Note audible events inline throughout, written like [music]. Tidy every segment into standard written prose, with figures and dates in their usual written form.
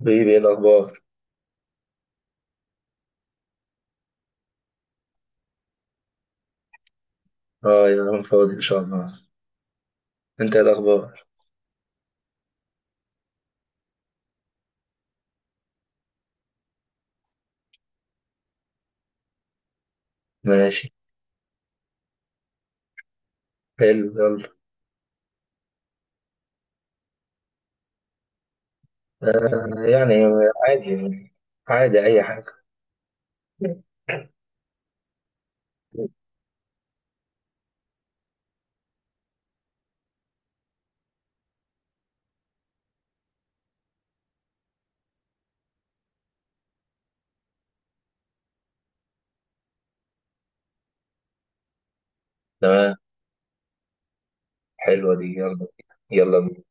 حبيبي ايه الاخبار؟ اه يا انا فاضي ان شاء الله. انت ايه الاخبار؟ ماشي. حلو يلا. آه يعني. عادي. عادي اي حاجه. تمام. حلوه دي يلا. يلا بينا.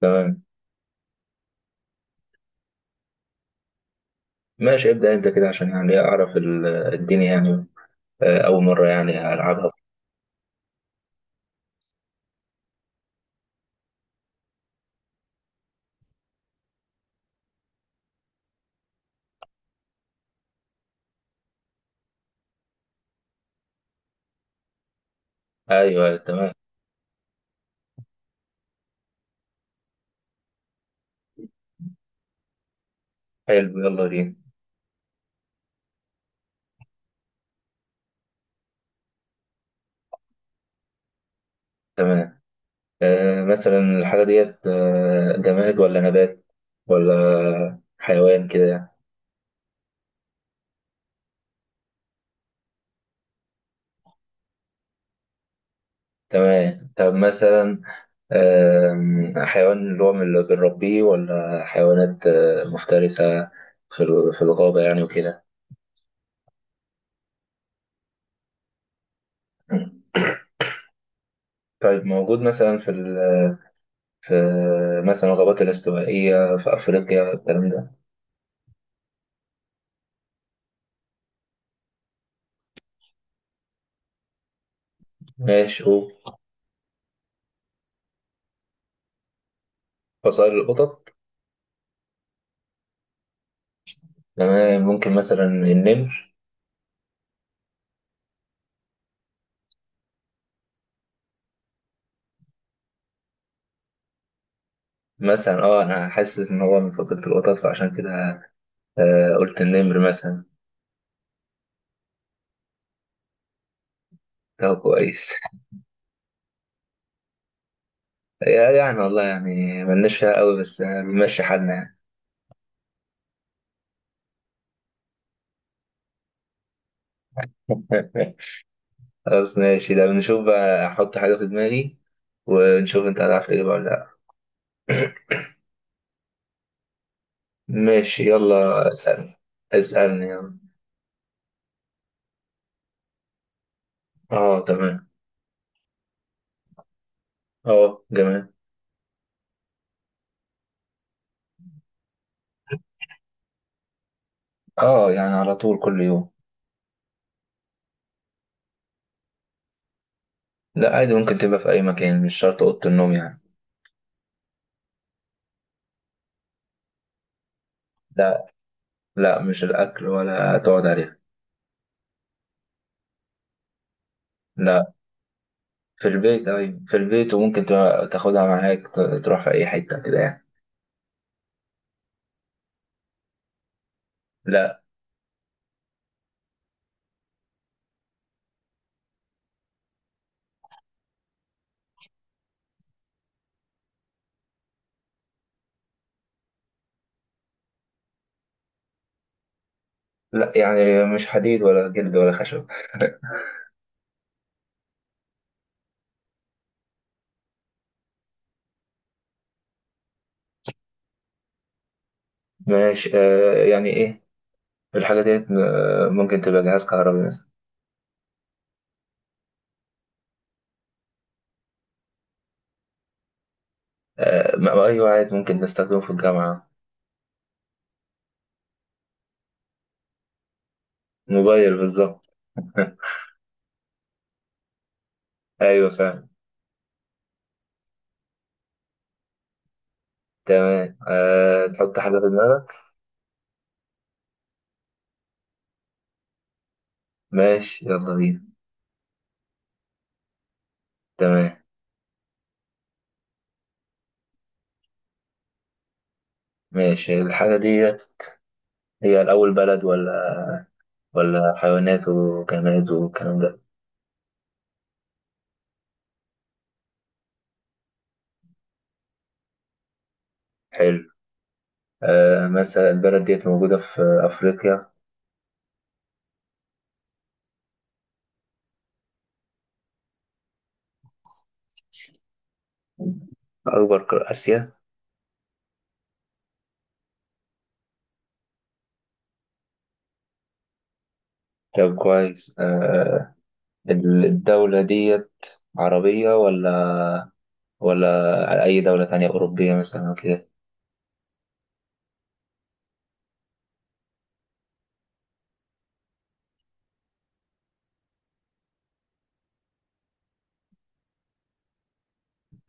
تمام. ماشي ابدا انت كده عشان يعني اعرف الدنيا يعني. آه اول مره يعني العبها. ايوه أيوة، تمام. حلو يلا بينا. تمام. آه مثلا الحاجه ديت آه جماد ولا نبات ولا حيوان كده يعني. تمام طب مثلا. حيوان اللي هو من اللي بنربيه ولا حيوانات مفترسة في في الغابة يعني وكده. طيب موجود مثلا في في مثلا الغابات الاستوائية في أفريقيا الكلام ده. ماشي قول. فصائل القطط. تمام ممكن مثلا النمر. مثلا اه أنا حاسس إن هو من فصيلة القطط فعشان كده قلت النمر مثلا. ده كويس. [laughs] يعني والله يعني ملناش فيها قوي بس بنمشي حالنا. يعني [laughs] خلاص ماشي ده بنشوف بقى احط حاجة في دماغي ونشوف انت هتعرف تجيبها ولا لا. ماشي يلا اسألني. اسألني يلا. اه تمام. اه جميل. اه يعني على طول كل يوم. لا عادي ممكن تبقى في اي مكان مش شرط اوضة النوم يعني. لا. لا مش الاكل ولا تقعد عليها. لا. في البيت ايوه في البيت وممكن تاخدها معاك تروح في اي حتة كده يعني. لا. لا يعني مش حديد ولا جلد ولا خشب. [laughs] ماشي آه يعني ايه. الحاجة ديت ممكن تبقى جهاز كهربي مثلا. أيوة عادي ممكن نستخدمه في الجامعة. موبايل بالظبط. [laughs] أيوة فعلا. تمام أه تحط حاجة في دماغك. ماشي يلا بينا. تمام. ماشي الحاجة ديت هي الأول بلد ولا ولا حيوانات وجماد والكلام ده. حلو. أه مثلا البلد ديت موجودة في أفريقيا. أكبر قارة آسيا. طب كويس أه الدولة ديت عربية ولا ولا على أي دولة تانية أوروبية مثلا أو كده.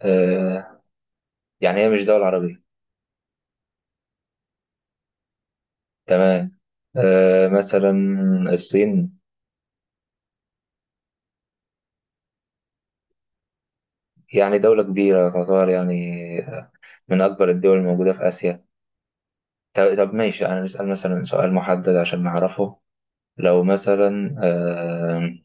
آه يعني هي مش دولة عربية. تمام. آه مثلا الصين. يعني دولة كبيرة تعتبر يعني من أكبر الدول الموجودة في آسيا. طب طب ماشي أنا نسأل مثلا سؤال محدد عشان نعرفه. لو مثلا آه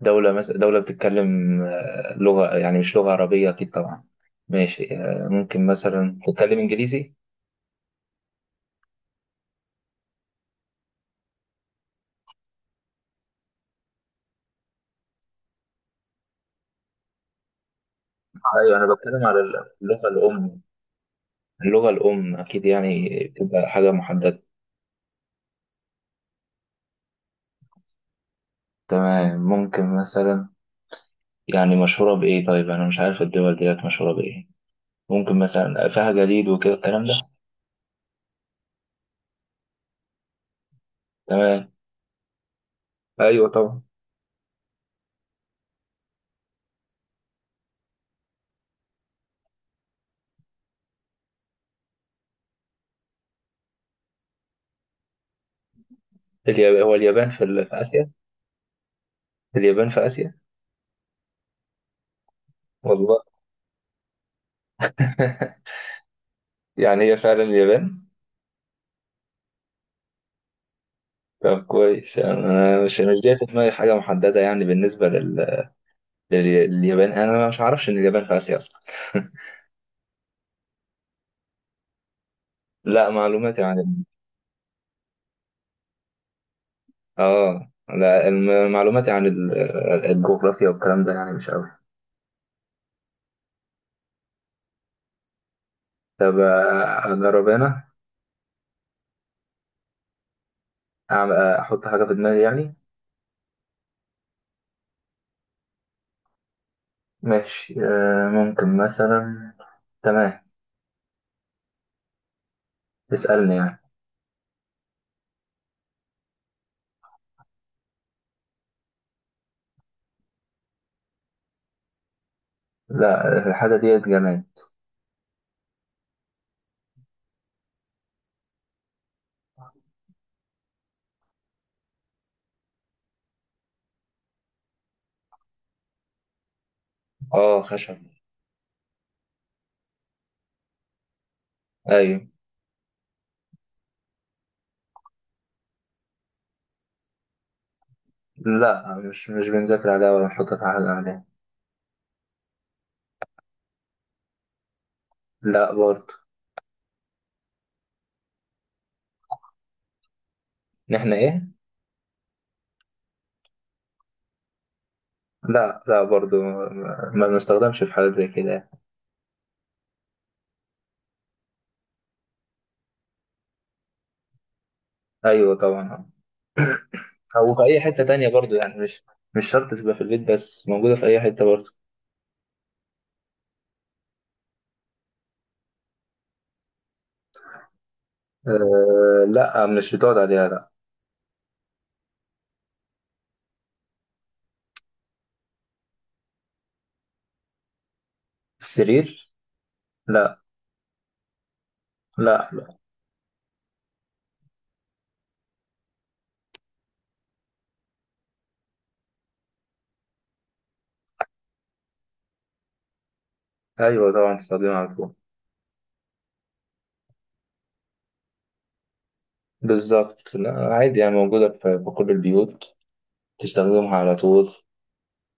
دولة مثلا دولة بتتكلم لغة يعني مش لغة عربية أكيد طبعا. ماشي آه ممكن مثلا تتكلم إنجليزي. أيوة أنا بتكلم على اللغة الأم. اللغة الأم أكيد يعني بتبقى حاجة محددة. تمام ممكن مثلا يعني مشهورة بإيه؟ طيب أنا مش عارف الدول ديت مشهورة بإيه. ممكن مثلا فيها جليد وكده الكلام ده. تمام. أيوة طبعا. اليابان هو اليابان في، في آسيا. اليابان في آسيا. والله. [laughs] يعني هي فعلا اليابان. طب كويس يعني أنا مش مش جاي في دماغي حاجة محددة يعني بالنسبة لل... لليابان أنا مش عارفش إن اليابان في آسيا أصلا. [laughs] لا معلوماتي يعني. اه لا معلوماتي عن الجغرافيا والكلام ده يعني مش قوي. طب اجرب انا. احط حاجة في دماغي يعني. ماشي ممكن مثلا. تمام اسألني يعني. لا الحاجة ديت جماد. اه خشب. ايوه. لا مش مش بنذاكر عليها ولا نحط في حاجة عليها. لا برضه. إن احنا ايه؟ لا برضه ما بنستخدمش في حاجات زي كده يعني. ايوه طبعا. او في اي حته تانية برضو يعني مش مش شرط تبقى في البيت بس موجوده في اي حته برضو. أه لا مش بتقعد عليها لا. السرير؟ لا لا. ايوه طبعا تستخدمها على طول. بالظبط لا عادي يعني موجوده في كل البيوت تستخدمها على طول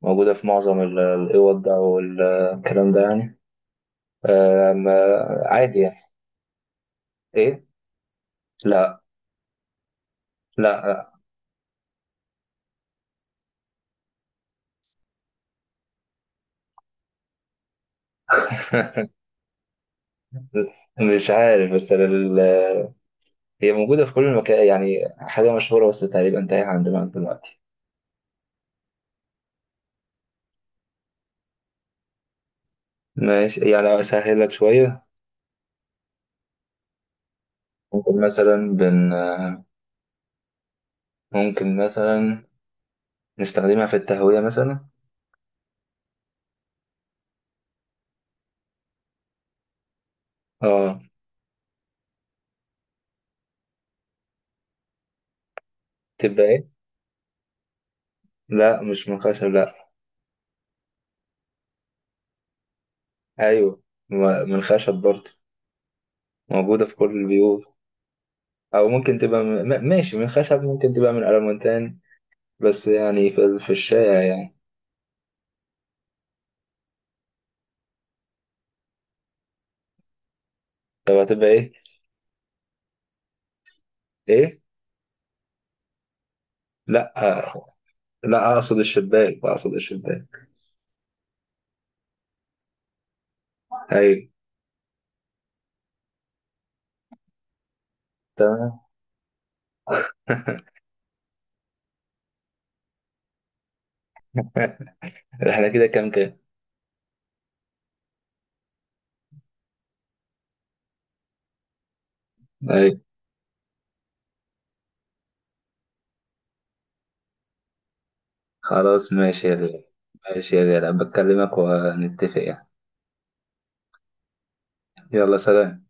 موجوده في معظم الاوض ده والكلام ده يعني. أه عادي يعني. ايه؟ لا لا لا، مش عارف بس هي موجوده في كل المكان يعني حاجه مشهوره بس تقريبا تايهه عندنا دلوقتي. ماشي يعني أسهلك شوية. ممكن مثلا بن ممكن مثلا نستخدمها في التهوية مثلا. اه تبقى ايه؟ لا مش من خشب لا. أيوه من خشب برضه موجودة في كل البيوت أو ممكن تبقى ماشي من خشب ممكن تبقى من ألمونتان بس يعني في، في الشارع يعني. طب هتبقى ايه؟ ايه؟ لا آه، لا أقصد الشباك أقصد الشباك. أيوه. تمام. [laughs] احنا كده كام كام؟ أيوه. خلاص ماشي يا غالي. ماشي يا غالي بكلمك ونتفق يعني. يلا سلام.